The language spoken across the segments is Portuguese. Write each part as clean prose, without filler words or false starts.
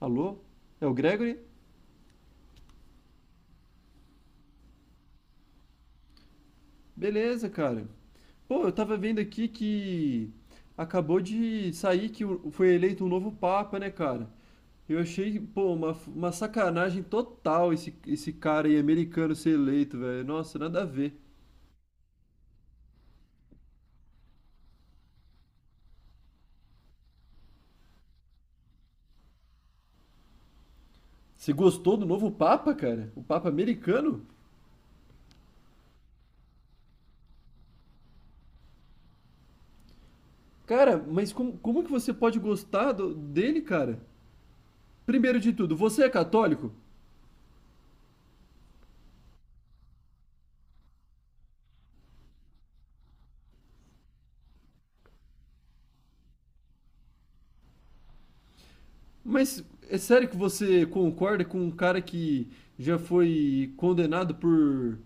Alô? É o Gregory? Beleza, cara. Pô, eu tava vendo aqui que acabou de sair que foi eleito um novo Papa, né, cara? Eu achei, pô, uma sacanagem total esse cara aí americano ser eleito, velho. Nossa, nada a ver. Você gostou do novo Papa, cara? O Papa americano? Cara, mas como que você pode gostar dele, cara? Primeiro de tudo, você é católico? Mas é sério que você concorda com um cara que já foi condenado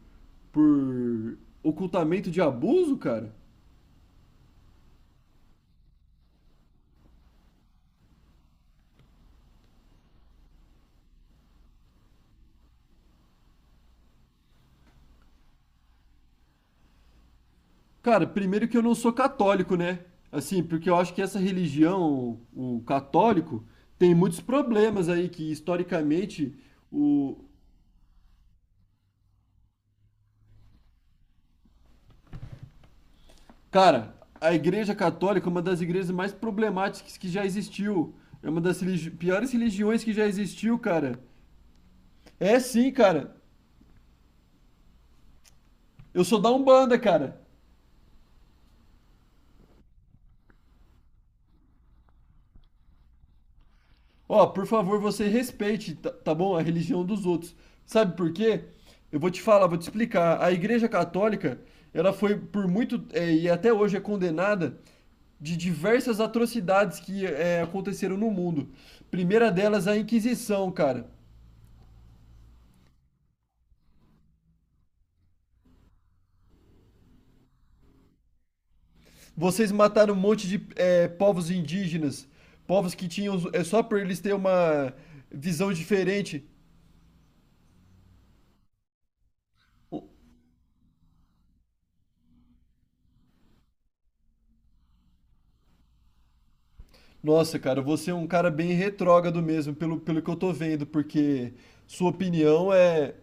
por ocultamento de abuso, cara? Cara, primeiro que eu não sou católico, né? Assim, porque eu acho que essa religião, o católico, tem muitos problemas aí que historicamente o cara, a Igreja Católica é uma das igrejas mais problemáticas que já existiu. É uma das piores religiões que já existiu, cara. É sim, cara. Eu sou da Umbanda, cara. Ó, por favor, você respeite, tá bom? A religião dos outros. Sabe por quê? Eu vou te falar, vou te explicar. A Igreja Católica, ela foi por muito, e até hoje é condenada de diversas atrocidades que aconteceram no mundo. Primeira delas, a Inquisição, cara. Vocês mataram um monte de povos indígenas, povos que tinham, é só por eles terem uma visão diferente. O- Nossa, cara, você é um cara bem retrógrado mesmo, pelo que eu tô vendo, porque sua opinião é.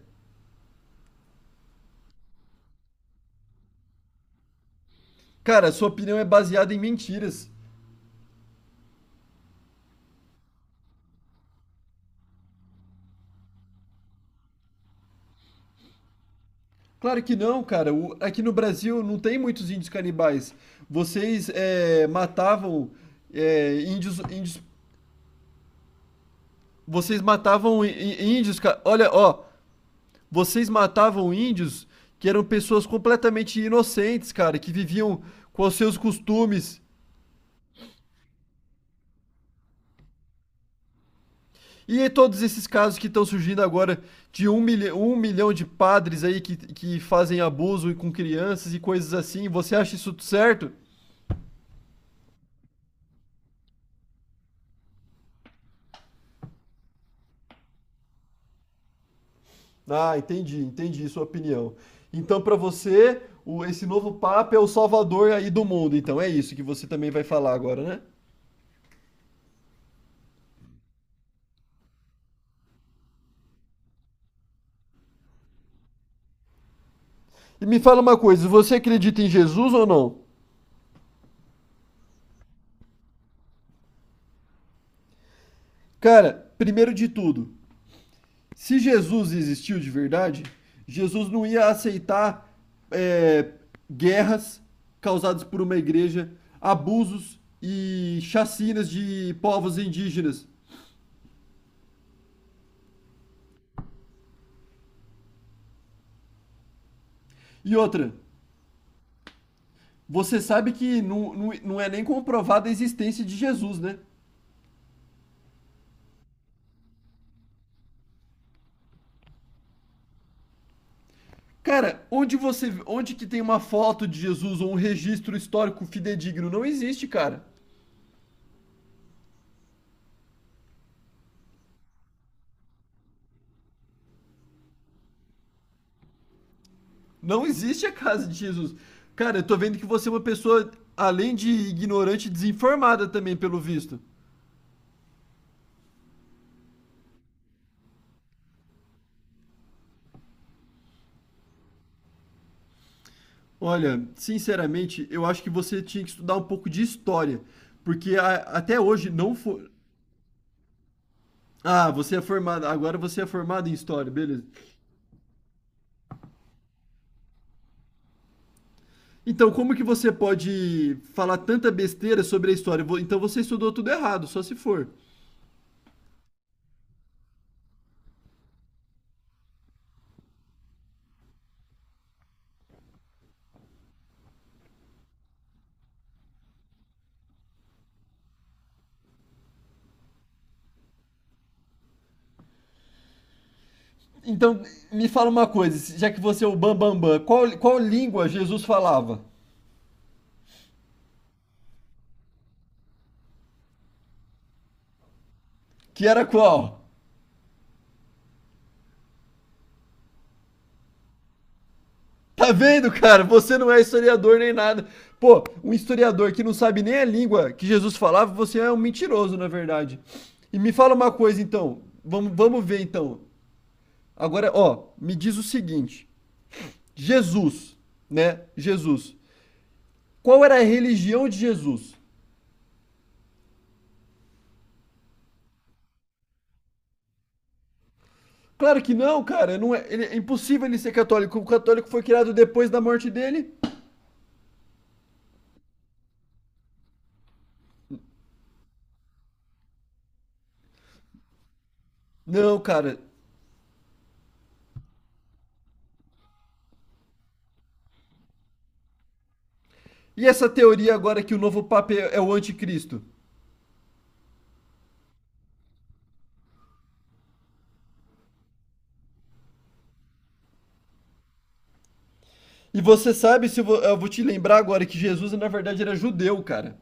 Cara, sua opinião é baseada em mentiras. Claro que não, cara. Aqui no Brasil não tem muitos índios canibais. Vocês matavam índios. Vocês matavam índios, cara. Olha, ó. Vocês matavam índios que eram pessoas completamente inocentes, cara, que viviam com os seus costumes. E todos esses casos que estão surgindo agora de um milhão de padres aí que fazem abuso com crianças e coisas assim, você acha isso certo? Ah, entendi sua opinião. Então, para você, esse novo Papa é o salvador aí do mundo. Então, é isso que você também vai falar agora, né? E me fala uma coisa, você acredita em Jesus ou não? Cara, primeiro de tudo, se Jesus existiu de verdade, Jesus não ia aceitar é, guerras causadas por uma igreja, abusos e chacinas de povos indígenas. E outra, você sabe que não é nem comprovada a existência de Jesus, né? Cara, onde que tem uma foto de Jesus ou um registro histórico fidedigno? Não existe, cara. Não existe a casa de Jesus. Cara, eu tô vendo que você é uma pessoa, além de ignorante, desinformada também, pelo visto. Olha, sinceramente, eu acho que você tinha que estudar um pouco de história. Porque até hoje não foi. Ah, você é formada. Agora você é formada em história, beleza. Então, como que você pode falar tanta besteira sobre a história? Então você estudou tudo errado, só se for. Então, me fala uma coisa, já que você é o Bambambam, qual língua Jesus falava? Que era qual? Tá vendo, cara? Você não é historiador nem nada. Pô, um historiador que não sabe nem a língua que Jesus falava, você é um mentiroso, na verdade. E me fala uma coisa, então. Vamos ver, então. Agora, ó, me diz o seguinte: Jesus, né? Jesus. Qual era a religião de Jesus? Claro que não, cara. Não é, é impossível ele ser católico. O católico foi criado depois da morte dele. Não, cara. E essa teoria agora que o novo Papa é o anticristo? E você sabe, se eu vou te lembrar agora, que Jesus na verdade era judeu, cara.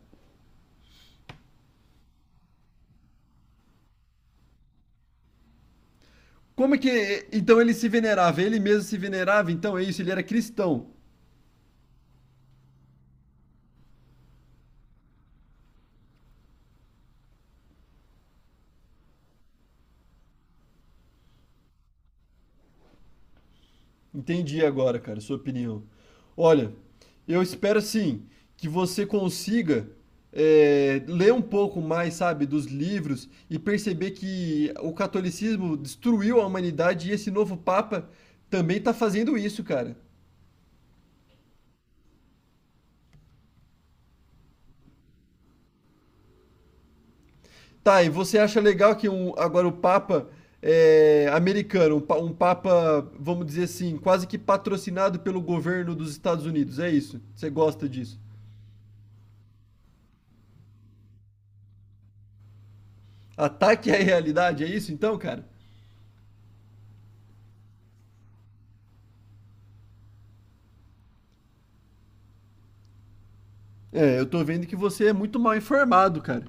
Como é que. Então ele se venerava, ele mesmo se venerava, então é isso, ele era cristão. Entendi agora, cara, sua opinião. Olha, eu espero sim que você consiga ler um pouco mais, sabe, dos livros e perceber que o catolicismo destruiu a humanidade e esse novo Papa também está fazendo isso, cara. Tá, e você acha legal que agora o Papa americano, um Papa, vamos dizer assim, quase que patrocinado pelo governo dos Estados Unidos, é isso? Você gosta disso? Ataque à realidade, é isso então, cara? É, eu tô vendo que você é muito mal informado, cara.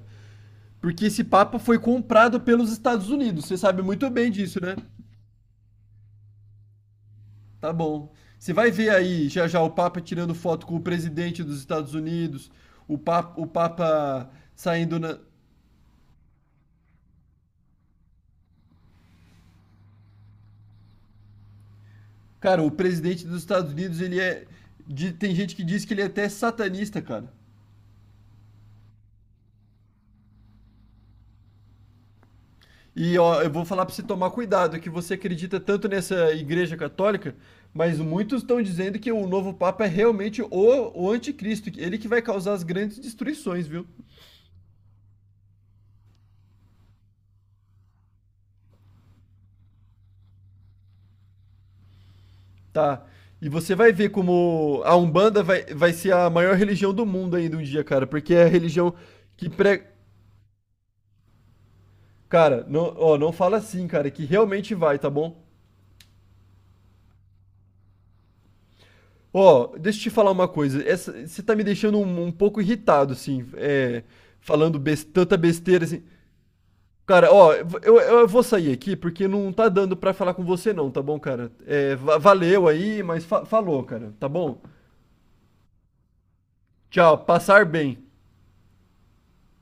Porque esse Papa foi comprado pelos Estados Unidos, você sabe muito bem disso, né? Tá bom. Você vai ver aí já já o Papa tirando foto com o presidente dos Estados Unidos, o Papa saindo na. Cara, o presidente dos Estados Unidos, ele é. Tem gente que diz que ele é até satanista, cara. E ó, eu vou falar pra você tomar cuidado, que você acredita tanto nessa igreja católica, mas muitos estão dizendo que o novo Papa é realmente o anticristo, ele que vai causar as grandes destruições, viu? Tá. E você vai ver como a Umbanda vai ser a maior religião do mundo ainda um dia, cara, porque é a religião que prega. Cara, não, ó, não fala assim, cara, que realmente vai, tá bom? Ó, deixa eu te falar uma coisa. Essa, você tá me deixando um pouco irritado, assim, falando tanta besteira, assim. Cara, ó, eu vou sair aqui porque não tá dando pra falar com você, não, tá bom, cara? É, valeu aí, mas falou, cara, tá bom? Tchau, passar bem.